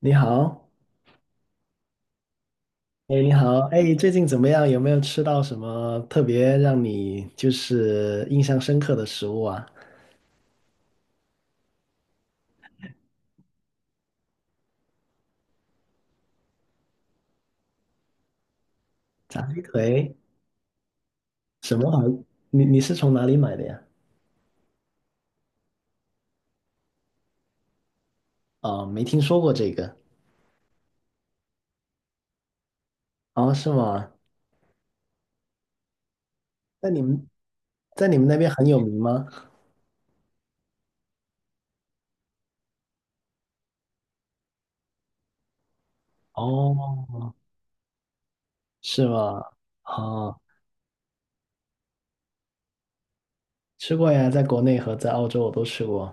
你好，哎，你好，哎，最近怎么样？有没有吃到什么特别让你印象深刻的食物啊？炸鸡腿什么好？你是从哪里买的呀？哦，没听说过这个。哦，是吗？在你们在你们那边很有名吗？哦，是吗？哦，吃过呀，在国内和在澳洲我都吃过。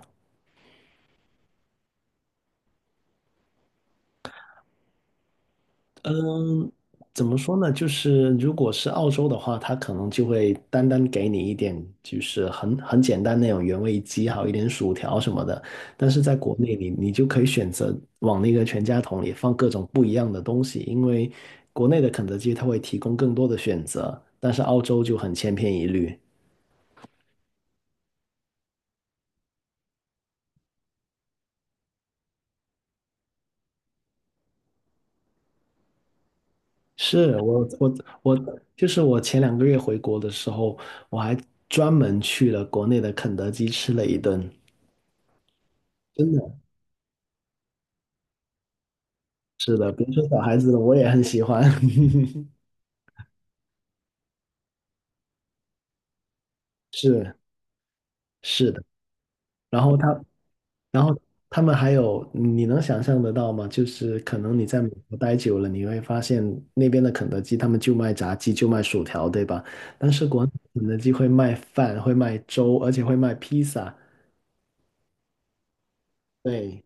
嗯，怎么说呢？就是如果是澳洲的话，它可能就会单单给你一点，就是很简单那种原味鸡，还有一点薯条什么的。但是在国内你，你就可以选择往那个全家桶里放各种不一样的东西，因为国内的肯德基它会提供更多的选择，但是澳洲就很千篇一律。是我，就是我前2个月回国的时候，我还专门去了国内的肯德基吃了一顿。真的。是的，别说小孩子了，我也很喜欢。是是的，然后他，然后他们还有，你能想象得到吗？就是可能你在美国待久了，你会发现那边的肯德基他们就卖炸鸡，就卖薯条，对吧？但是国内肯德基会卖饭，会卖粥，而且会卖披萨。对，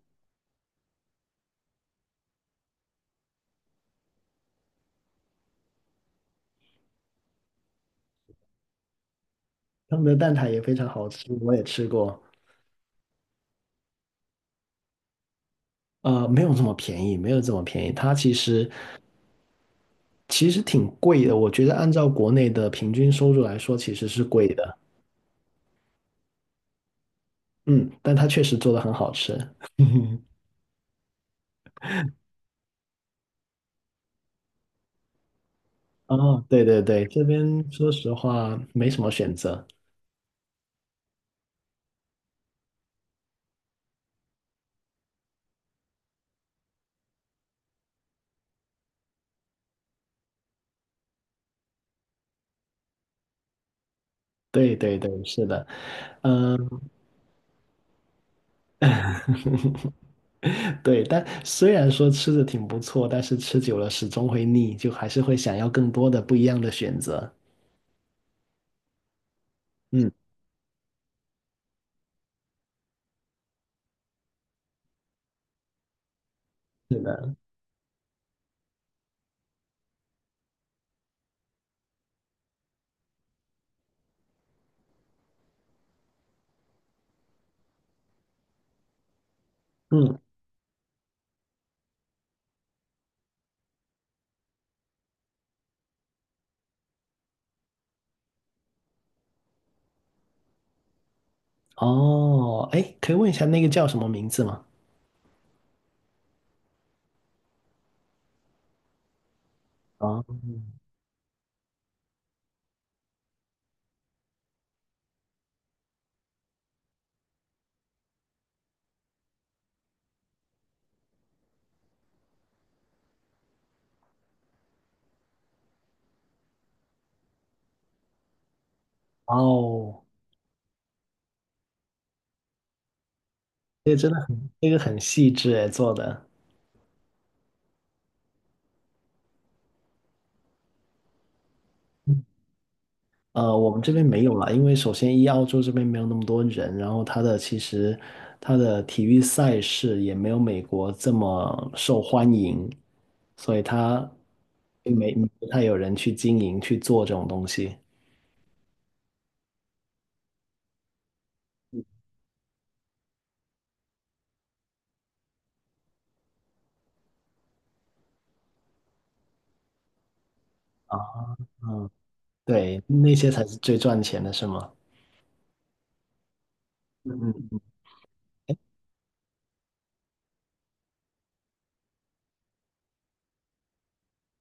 他们的蛋挞也非常好吃，我也吃过。没有这么便宜，没有这么便宜。它其实其实挺贵的，我觉得按照国内的平均收入来说，其实是贵的。嗯，但它确实做的很好吃。哦，对对对，这边说实话没什么选择。对对对，是的，嗯，对。但虽然说吃的挺不错，但是吃久了始终会腻，就还是会想要更多的不一样的选择。嗯，是的，嗯，哦，哎，可以问一下那个叫什么名字吗？哦，哦，这个真的很，这个很细致诶，做的。我们这边没有了，因为首先一澳洲这边没有那么多人，它的体育赛事也没有美国这么受欢迎，所以它并没不太有人去经营去做这种东西啊，嗯，对，那些才是最赚钱的，是吗？嗯嗯嗯，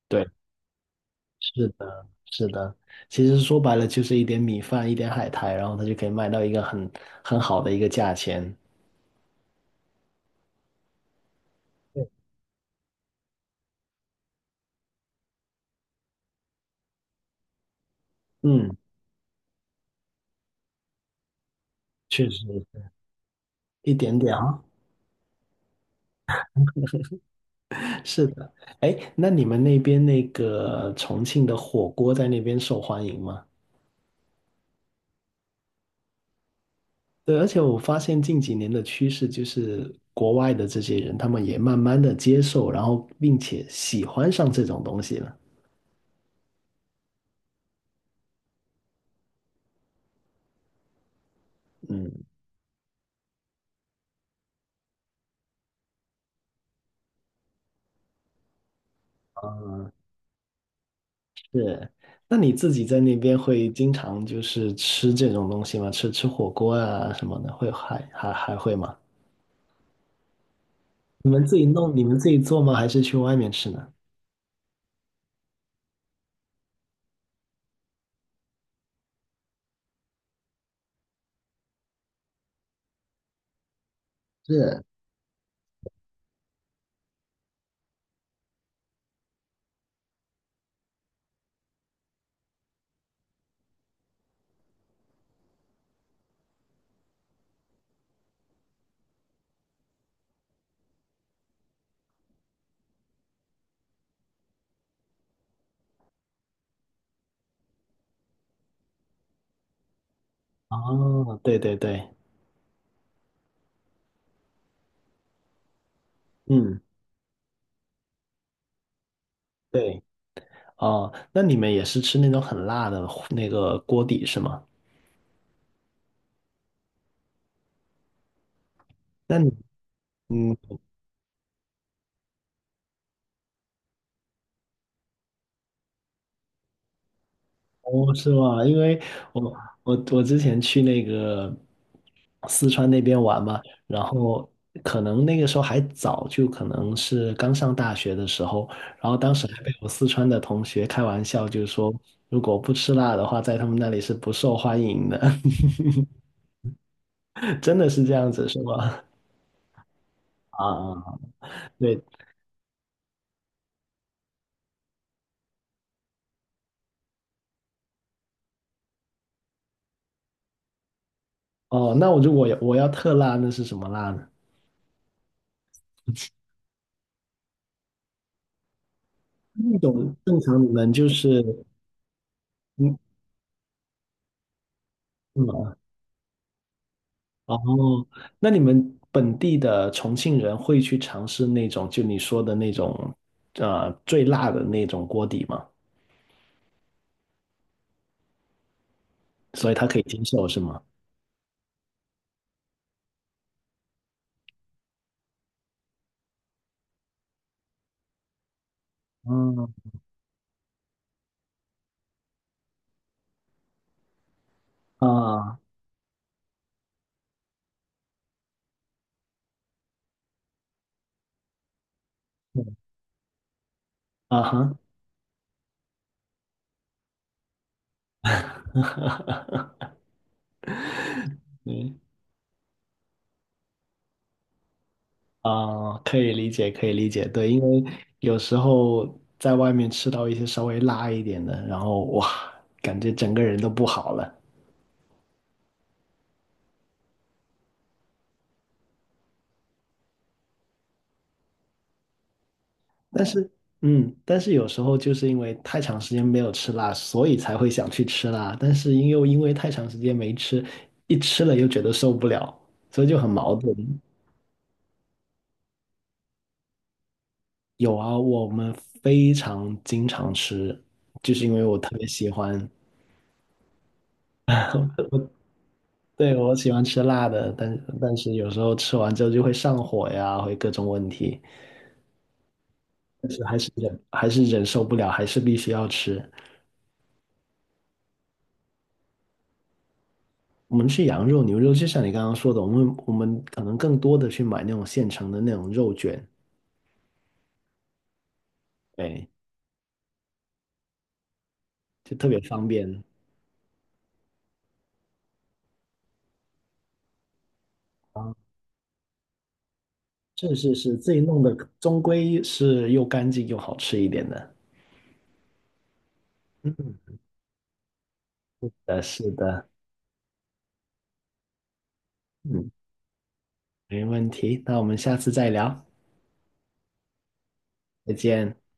对，是的，是的，其实说白了就是一点米饭，一点海苔，然后它就可以卖到一个很好的一个价钱，嗯，确实一点点。啊。是的，哎，那你们那边那个重庆的火锅在那边受欢迎吗？对，而且我发现近几年的趋势就是国外的这些人，他们也慢慢的接受，然后并且喜欢上这种东西了。嗯。是，那你自己在那边会经常就是吃这种东西吗？吃吃火锅啊什么的，会还还还会吗？你们自己弄，你们自己做吗？还是去外面吃呢？是。哦，对对对，嗯，对。哦，那你们也是吃那种很辣的那个锅底是吗？那你，嗯，哦，是吗？因为我我之前去那个四川那边玩嘛，然后可能那个时候还早，就可能是刚上大学的时候，然后当时还被我四川的同学开玩笑，就是说如果不吃辣的话，在他们那里是不受欢迎的，真的是这样子是吗？啊，啊，对，哦，那我如果要特辣，那是什么辣呢？那种正常你们就是嗯嗯哦，那你们本地的重庆人会去尝试那种就你说的那种最辣的那种锅底吗？所以他可以接受是吗？嗯啊嗯啊哈，嗯啊，可以理解，可以理解，对，因为有时候在外面吃到一些稍微辣一点的，然后哇，感觉整个人都不好了。但是，嗯，但是有时候就是因为太长时间没有吃辣，所以才会想去吃辣。但是因又因为太长时间没吃，一吃了又觉得受不了，所以就很矛盾。有啊，我们非常经常吃，就是因为我特别喜欢，对，我喜欢吃辣的，但但是有时候吃完之后就会上火呀，会各种问题，但是还是忍还是忍受不了，还是必须要吃。我们吃羊肉、牛肉，就像你刚刚说的，我们可能更多的去买那种现成的那种肉卷，对，就特别方便啊。是是是，自己弄的终归是又干净又好吃一点的。嗯，是的，是的，嗯，没问题。那我们下次再聊，再见。